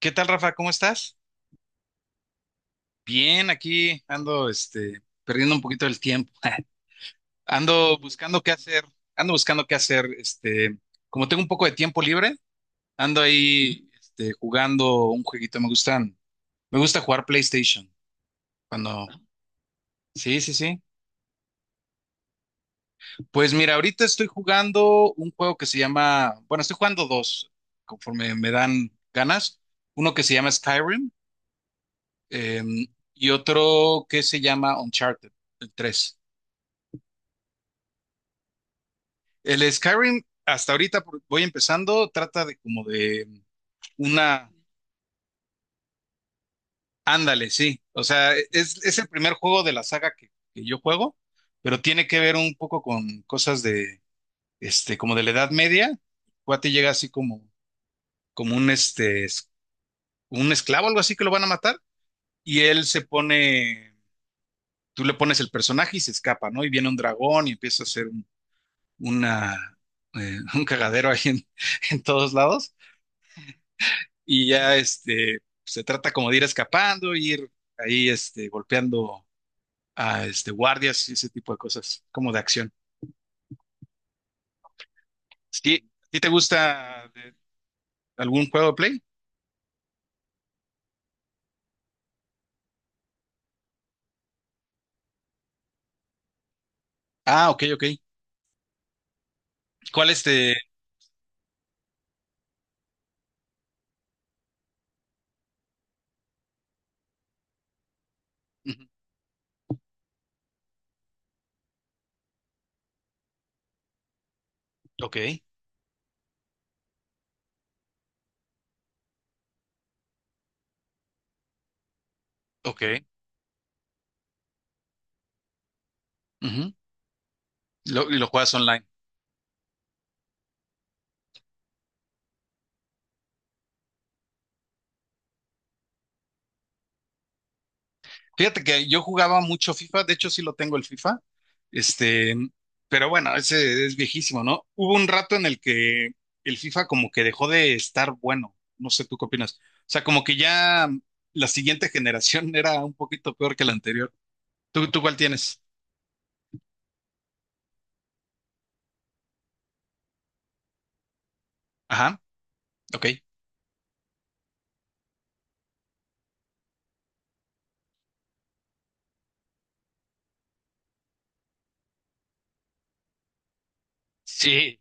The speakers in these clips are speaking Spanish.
¿Qué tal, Rafa? ¿Cómo estás? Bien, aquí ando, perdiendo un poquito el tiempo. Ando buscando qué hacer, ando buscando qué hacer, como tengo un poco de tiempo libre, ando ahí, jugando un jueguito. Me gustan, me gusta jugar PlayStation. Cuando, sí, sí, sí. Pues mira, ahorita estoy jugando un juego que se llama, bueno, estoy jugando dos, conforme me dan ganas. Uno que se llama Skyrim, eh, y otro que se llama Uncharted, el 3. El Skyrim, hasta ahorita voy empezando, trata de como de una... Ándale, sí. O sea, es el primer juego de la saga que yo juego, pero tiene que ver un poco con cosas de, como de la Edad Media. Cuate llega así como, como un, un esclavo, algo así que lo van a matar, y él se pone, tú le pones el personaje y se escapa, ¿no? Y viene un dragón y empieza a hacer un, una, un cagadero ahí en todos lados. Y ya se trata como de ir escapando, ir ahí golpeando a guardias y ese tipo de cosas, como de acción. ¿Sí? ¿A ti te gusta algún juego de Play? Ah, ok, ok. ¿Cuál este? Ujú. Ok, ok. Ujú. Y lo juegas online. Fíjate que yo jugaba mucho FIFA, de hecho sí lo tengo el FIFA, este, pero bueno, ese es viejísimo, ¿no? Hubo un rato en el que el FIFA como que dejó de estar bueno, no sé tú qué opinas. O sea, como que ya la siguiente generación era un poquito peor que la anterior. ¿Tú ¿cuál tienes? Ajá, ok. Sí,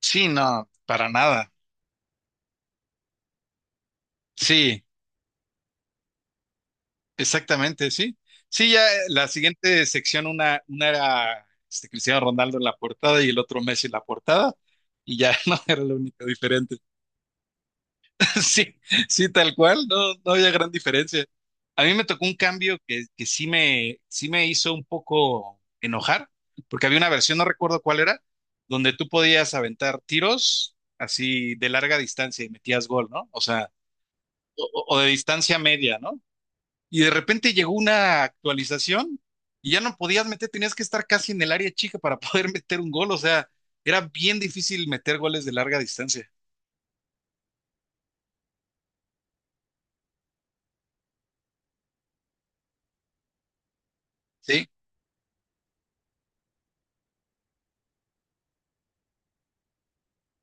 sí, no, para nada. Sí. Exactamente, sí. Sí, ya la siguiente sección, una era Cristiano Ronaldo en la portada y el otro Messi en la portada, y ya no era lo único diferente. Sí, sí, tal cual, no, no había gran diferencia. A mí me tocó un cambio que, sí me hizo un poco enojar, porque había una versión, no recuerdo cuál era, donde tú podías aventar tiros así de larga distancia y metías gol, ¿no? O sea, o de distancia media, ¿no? Y de repente llegó una actualización y ya no podías meter, tenías que estar casi en el área chica para poder meter un gol, o sea, era bien difícil meter goles de larga distancia, ¿sí?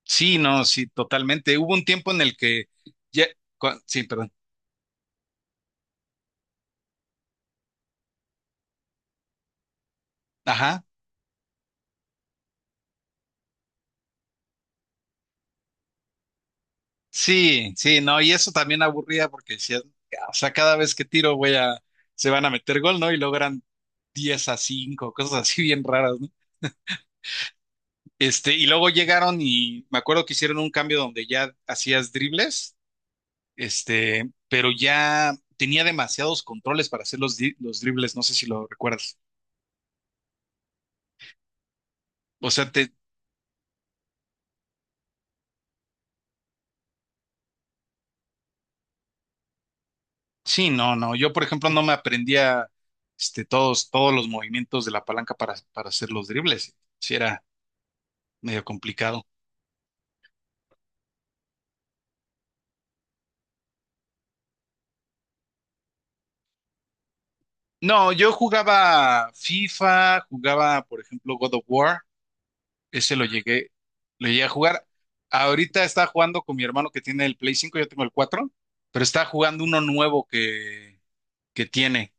Sí, no, sí, totalmente. Hubo un tiempo en el que ya, sí, perdón, ajá, sí, sí, no, y eso también aburría porque decías, "Ah, o sea, cada vez que tiro, se van a meter gol, ¿no?" Y logran 10 a 5 cosas así bien raras, ¿no? Y luego llegaron y me acuerdo que hicieron un cambio donde ya hacías dribles, pero ya tenía demasiados controles para hacer los, los dribles, no sé si lo recuerdas. O sea, te, sí, no, no, yo por ejemplo no me aprendía todos los movimientos de la palanca para hacer los dribles, sí era medio complicado. No, yo jugaba FIFA, jugaba por ejemplo God of War, ese lo llegué, lo llegué a jugar. Ahorita está jugando con mi hermano que tiene el Play 5, yo tengo el 4, pero está jugando uno nuevo que tiene.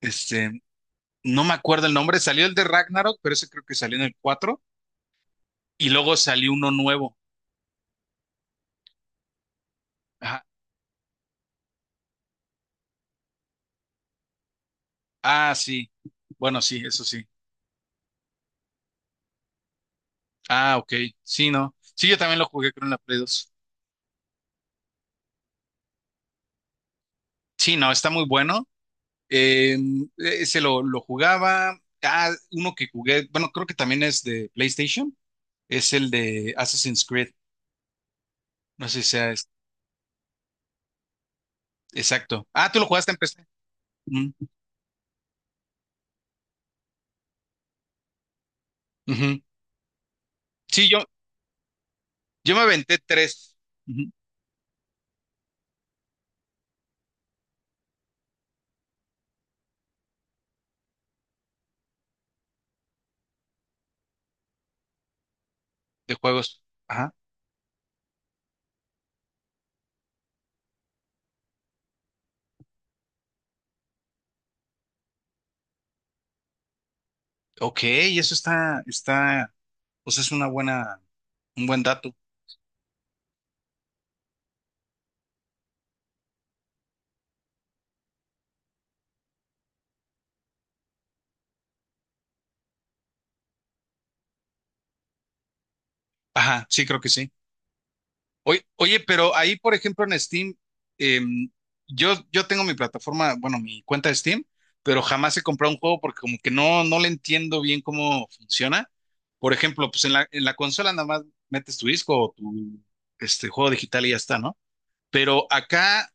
Este, no me acuerdo el nombre, salió el de Ragnarok, pero ese creo que salió en el 4 y luego salió uno nuevo. Ajá. Ah, sí. Bueno, sí, eso sí. Ah, ok. Sí, no. Sí, yo también lo jugué con la Play dos. Sí, no, está muy bueno. Eh, ese lo jugaba. Ah, uno que jugué, bueno, creo que también es de PlayStation, es el de Assassin's Creed. No sé si sea es- exacto. Ah, tú lo jugaste en PC. Mm, ujú. Sí, yo me aventé tres, ujú, de juegos. Ok, eso está, está, pues es una buena, un buen dato. Ajá, sí, creo que sí. Oye, oye, pero ahí, por ejemplo, en Steam, em, yo tengo mi plataforma, bueno, mi cuenta de Steam, pero jamás he comprado un juego porque como que no, no le entiendo bien cómo funciona. Por ejemplo, pues en la consola nada más metes tu disco o tu este juego digital y ya está, ¿no? Pero acá,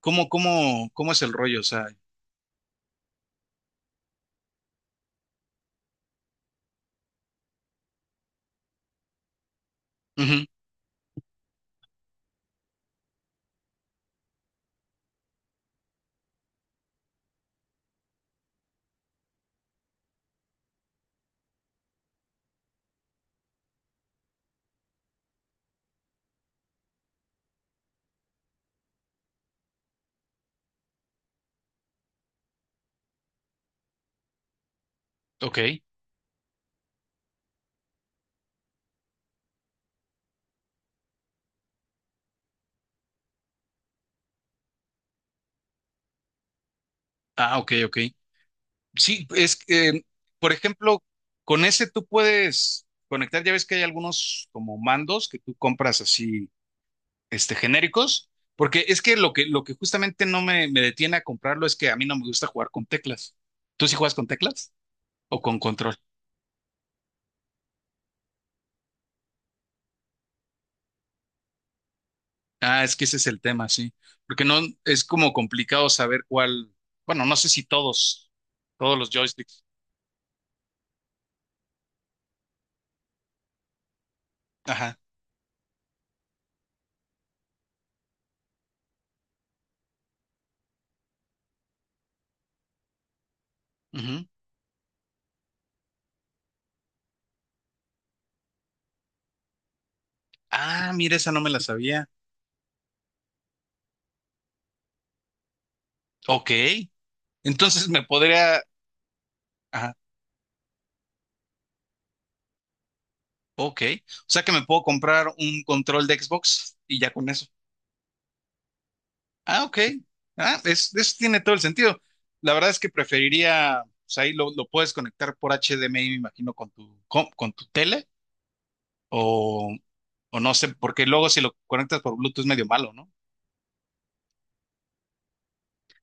¿cómo, cómo, cómo es el rollo? O sea, ujú, ok. Ah, ok, ok. Sí, es que, por ejemplo, con ese tú puedes conectar, ya ves que hay algunos como mandos que tú compras así, genéricos, porque es que lo que justamente no me, me detiene a comprarlo es que a mí no me gusta jugar con teclas. ¿Tú sí juegas con teclas o con control? Ah, es que ese es el tema, sí, porque no, es como complicado saber cuál, bueno, no sé si todos, todos los joysticks. Ajá. Ujú. Ah, mira, esa no me la sabía. Ok, entonces me podría... Ajá. Ok, o sea que me puedo comprar un control de Xbox y ya con eso. Ah, ok. Ah, eso tiene todo el sentido. La verdad es que preferiría, o sea, ahí lo puedes conectar por HDMI, me imagino, con tu tele o, o no sé, porque luego si lo conectas por Bluetooth es medio malo, ¿no?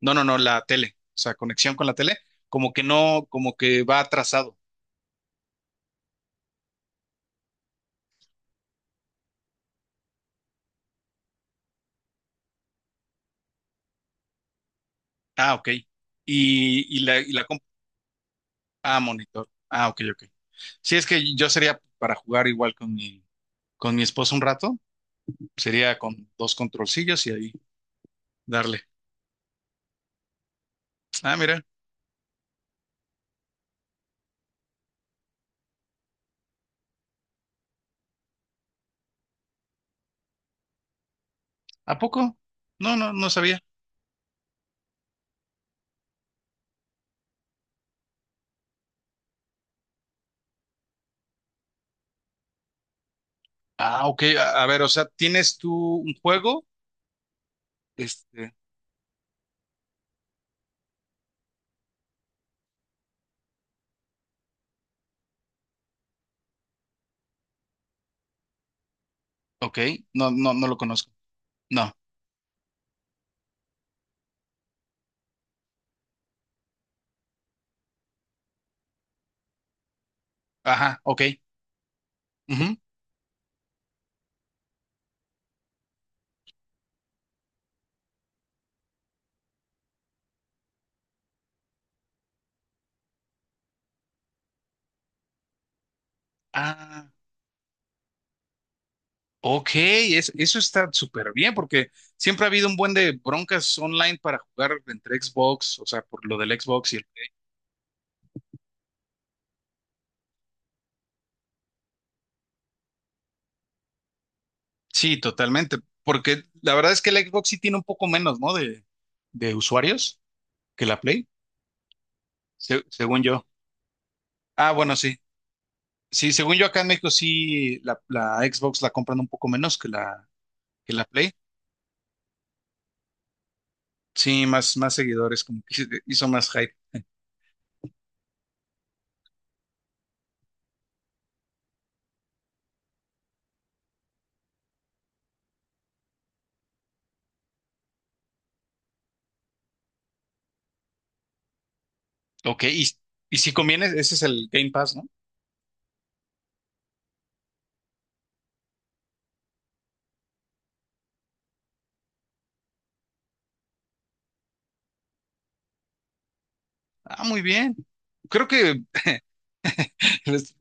No, no, no, la tele, o sea, conexión con la tele, como que no, como que va atrasado. Ah, ok. Y, y la ah, monitor. Ah, ok, ok. Sí, es que yo sería para jugar igual con mi esposo un rato. Sería con dos controlcillos y ahí darle. Ah, mira, ¿a poco? No, no, no sabía. Ah, ok, a ver, o sea, ¿tienes tú un juego? Este, ok, no, no, no lo conozco. No, ajá, ok. Ujú. Ah, ok, eso está súper bien porque siempre ha habido un buen de broncas online para jugar entre Xbox, o sea, por lo del Xbox y el... Sí, totalmente, porque la verdad es que el Xbox sí tiene un poco menos, ¿no? De usuarios que la Play, según yo. Ah, bueno, sí. Sí, según yo acá en México sí la Xbox la compran un poco menos que la Play. Sí, más, más seguidores, como que hizo más hype. Ok, y si conviene, ese es el Game Pass, ¿no? Ah, muy bien. Creo que les-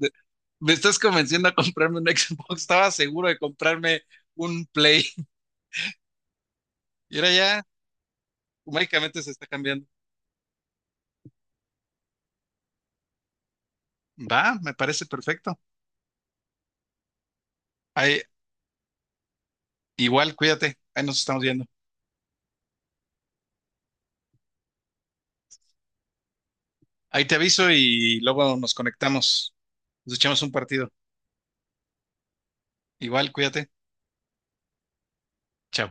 me estás convenciendo a comprarme un Xbox. Estaba seguro de comprarme un Play. Y ahora ya, mágicamente se está cambiando. Va, me parece perfecto. Ahí, igual, cuídate. Ahí nos estamos viendo. Ahí te aviso y luego nos conectamos. Nos echamos un partido. Igual, cuídate. Chao.